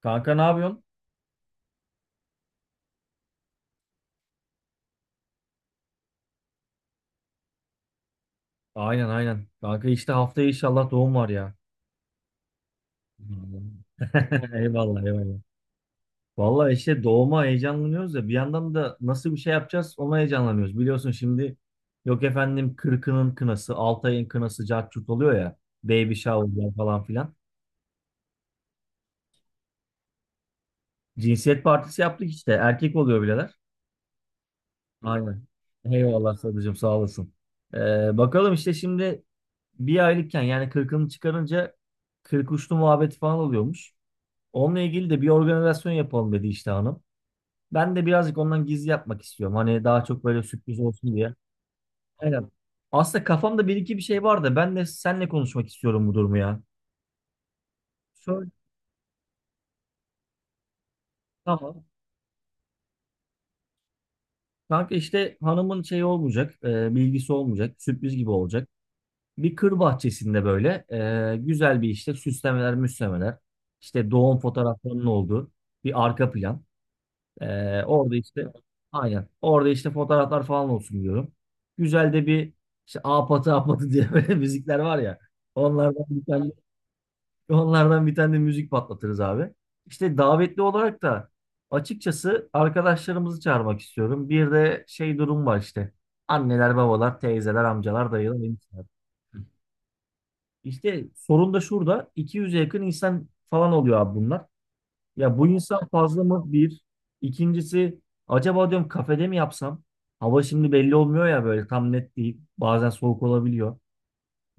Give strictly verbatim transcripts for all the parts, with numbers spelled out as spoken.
Kanka ne yapıyorsun? Aynen aynen. Kanka işte haftaya inşallah doğum var ya. Anladım. Eyvallah eyvallah. Vallahi işte doğuma heyecanlanıyoruz da bir yandan da nasıl bir şey yapacağız ona heyecanlanıyoruz. Biliyorsun şimdi yok efendim kırkının kınası, altı ayın kınası cart curt oluyor ya. Baby shower falan filan. Cinsiyet partisi yaptık işte. Erkek oluyor bileler. Aynen. Eyvallah sadıcığım sağ olasın. Ee, Bakalım işte şimdi bir aylıkken yani kırkını çıkarınca kırk uçlu muhabbeti falan oluyormuş. Onunla ilgili de bir organizasyon yapalım dedi işte hanım. Ben de birazcık ondan gizli yapmak istiyorum. Hani daha çok böyle sürpriz olsun diye. Aynen. Aslında kafamda bir iki bir şey var da ben de seninle konuşmak istiyorum bu durumu ya. Şöyle tamam. Kanka işte hanımın şey olmayacak, e, bilgisi olmayacak, sürpriz gibi olacak. Bir kır bahçesinde böyle e, güzel bir işte süslemeler, müslemeler, işte doğum fotoğraflarının olduğu bir arka plan. Ee, orada işte aynen. Orada işte fotoğraflar falan olsun diyorum. Güzel de bir işte apatı apatı diye böyle müzikler var ya. Onlardan bir tane, onlardan bir tane de müzik patlatırız abi. İşte davetli olarak da açıkçası arkadaşlarımızı çağırmak istiyorum. Bir de şey durum var işte. Anneler, babalar, teyzeler, amcalar, dayılar, enişteler. İşte sorun da şurada. iki yüze yakın insan falan oluyor abi bunlar. Ya bu insan fazla mı? Bir. İkincisi acaba diyorum kafede mi yapsam? Hava şimdi belli olmuyor ya böyle tam net değil. Bazen soğuk olabiliyor.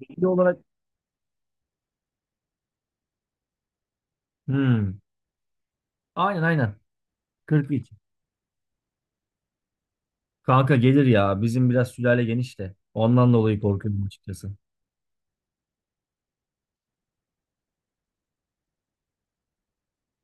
Belli olarak hmm. Aynen aynen. kırk iki. Kanka gelir ya. Bizim biraz sülale geniş de. Ondan dolayı korkuyorum açıkçası.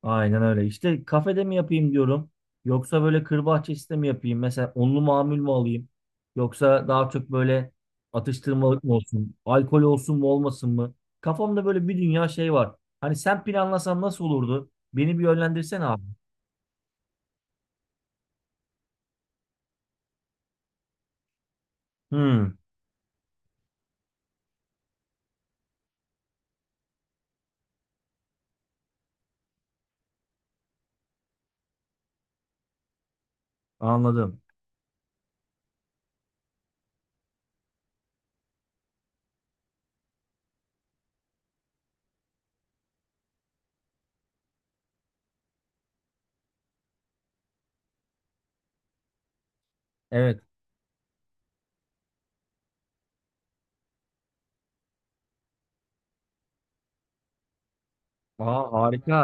Aynen öyle. İşte kafede mi yapayım diyorum. Yoksa böyle kır bahçesinde mi yapayım? Mesela onlu mamul mu alayım? Yoksa daha çok böyle atıştırmalık mı olsun? Alkol olsun mu olmasın mı? Kafamda böyle bir dünya şey var. Hani sen planlasan nasıl olurdu? Beni bir yönlendirsene abi. Hmm, anladım. Evet. Aa, harika.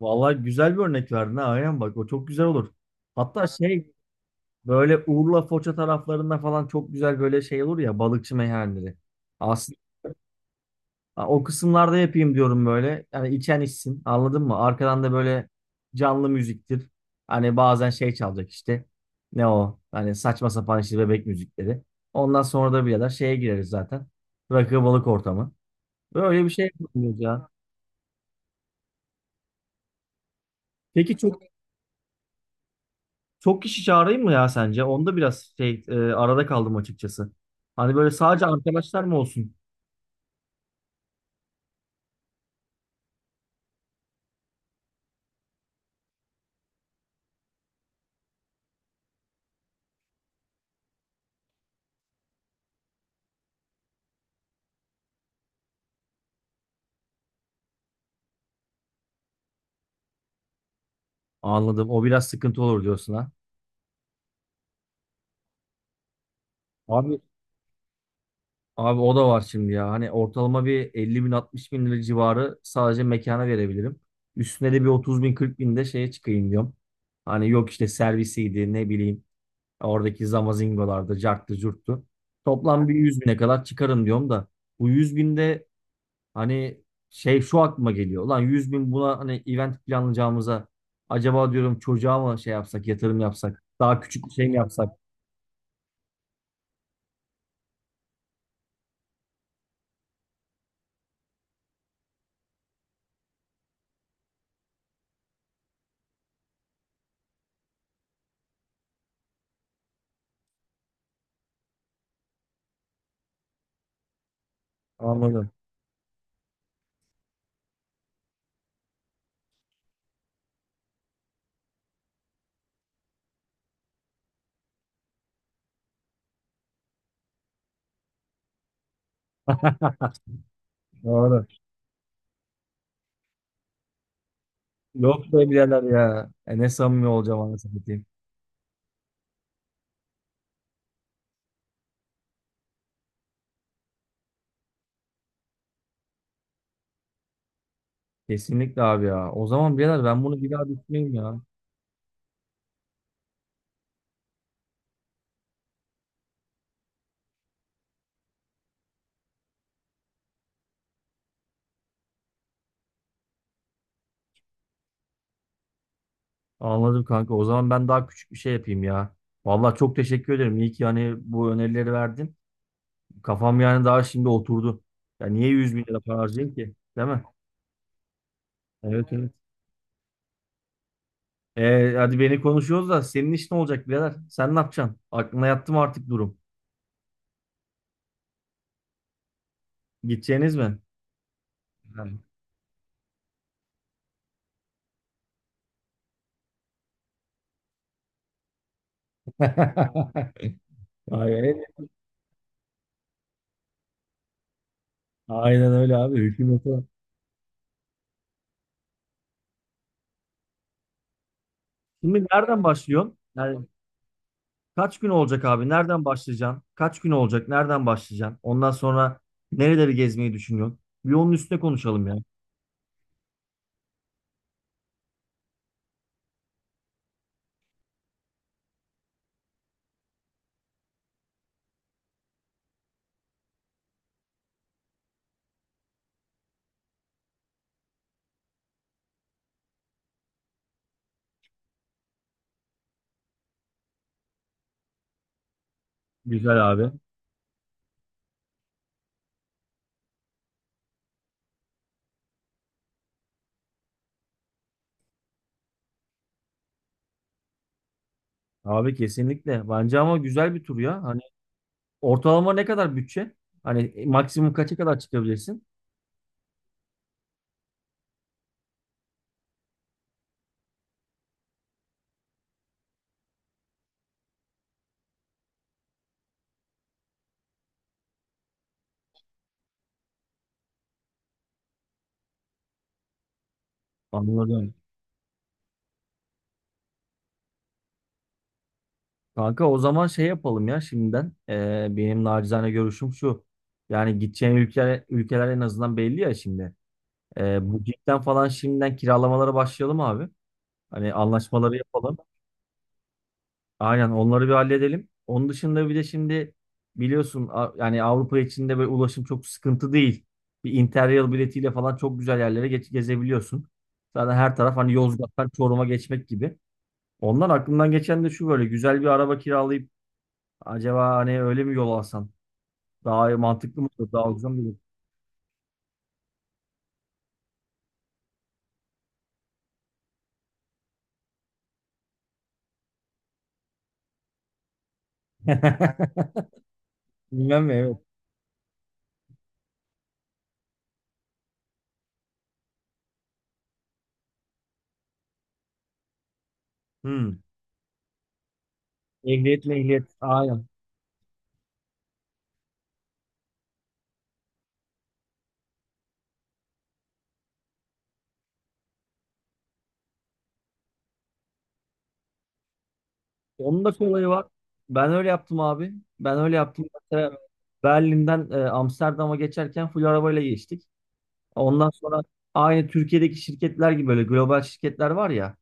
Vallahi güzel bir örnek verdin ha. Aynen bak o çok güzel olur. Hatta şey böyle Urla Foça taraflarında falan çok güzel böyle şey olur ya balıkçı meyhaneleri. Aslında ha, o kısımlarda yapayım diyorum böyle. Yani içen içsin. Anladın mı? Arkadan da böyle canlı müziktir. Hani bazen şey çalacak işte. Ne o? Hani saçma sapan işte bebek müzikleri. Ondan sonra da birader şeye gireriz zaten. Rakı balık ortamı. Böyle bir şey yapıyoruz ya. Peki çok çok kişi çağırayım mı ya sence? Onda biraz şey e, arada kaldım açıkçası. Hani böyle sadece arkadaşlar mı olsun? Anladım. O biraz sıkıntı olur diyorsun ha. Abi Abi o da var şimdi ya. Hani ortalama bir elli bin altmış bin lira civarı sadece mekana verebilirim. Üstüne de bir otuz bin kırk bin de şeye çıkayım diyorum. Hani yok işte servisiydi ne bileyim oradaki zamazingolarda carttı curttu. Toplam bir yüz bine kadar çıkarım diyorum da. Bu yüz binde hani şey şu aklıma geliyor. Ulan yüz bin buna hani event planlayacağımıza acaba diyorum çocuğa mı şey yapsak yatırım yapsak daha küçük bir şey mi yapsak? Anladım. Doğru. Yok be birader ya. E ne samimi olacağım anasını satayım. Kesinlikle abi ya. O zaman birader ben bunu bir daha düşüneyim ya. Anladım kanka. O zaman ben daha küçük bir şey yapayım ya. Vallahi çok teşekkür ederim. İyi ki yani bu önerileri verdin. Kafam yani daha şimdi oturdu. Ya niye yüz bin lira para harcayayım ki? Değil mi? Evet evet. E, hadi beni konuşuyoruz da senin iş ne olacak birader? Sen ne yapacaksın? Aklına yattı mı artık durum? Gideceğiniz mi? Aynen, aynen öyle abi. Hükümete. Şimdi nereden başlıyorsun? Yani, kaç gün olacak abi? Nereden başlayacaksın? Kaç gün olacak? Nereden başlayacaksın? Ondan sonra nereleri gezmeyi düşünüyorsun? Bir onun üstüne konuşalım ya. Güzel abi. Abi kesinlikle. Bence ama güzel bir tur ya. Hani ortalama ne kadar bütçe? Hani e, maksimum kaça kadar çıkabilirsin? Anladım. Kanka o zaman şey yapalım ya şimdiden. Ee, benim nacizane görüşüm şu. Yani gideceğin ülkeler, ülkeler en azından belli ya şimdi. Ee, bu cidden falan şimdiden kiralamalara başlayalım abi. Hani anlaşmaları yapalım. Aynen onları bir halledelim. Onun dışında bir de şimdi biliyorsun a- yani Avrupa içinde böyle ulaşım çok sıkıntı değil. Bir Interrail biletiyle falan çok güzel yerlere geç- gezebiliyorsun. Zaten her taraf hani Yozgat'tan Çorum'a geçmek gibi. Ondan aklımdan geçen de şu böyle güzel bir araba kiralayıp acaba hani öyle mi yol alsam? Daha mantıklı mı olur? Daha ucuz mu olur? Bilmem mi? Evet. Hmm. Ehliyetle ehliyet. Aynen. Onun da bir olayı var. Ben öyle yaptım abi. Ben öyle yaptım. Mesela Berlin'den e, Amsterdam'a geçerken full arabayla geçtik. Ondan sonra aynı Türkiye'deki şirketler gibi böyle global şirketler var ya.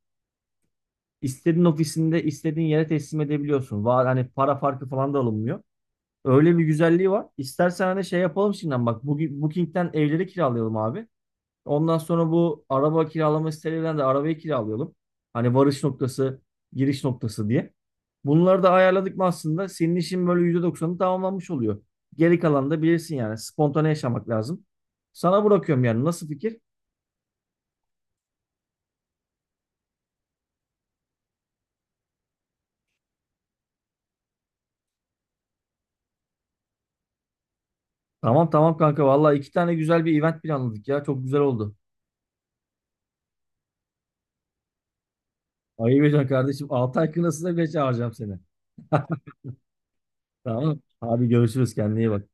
İstediğin ofisinde istediğin yere teslim edebiliyorsun. Var hani para farkı falan da alınmıyor. Öyle bir güzelliği var. İstersen hani şey yapalım şimdiden bak. Bugün Booking'den evleri kiralayalım abi. Ondan sonra bu araba kiralama sitelerinden de arabayı kiralayalım. Hani varış noktası, giriş noktası diye. Bunları da ayarladık mı aslında senin işin böyle yüzde doksanı tamamlanmış oluyor. Geri kalanı da bilirsin yani. Spontane yaşamak lazım. Sana bırakıyorum yani. Nasıl fikir? Tamam tamam kanka. Vallahi iki tane güzel bir event planladık ya. Çok güzel oldu. Ayıp ediyorsun kardeşim. Altı ay kınasına bile çağıracağım seni. Tamam. Abi görüşürüz. Kendine iyi bak.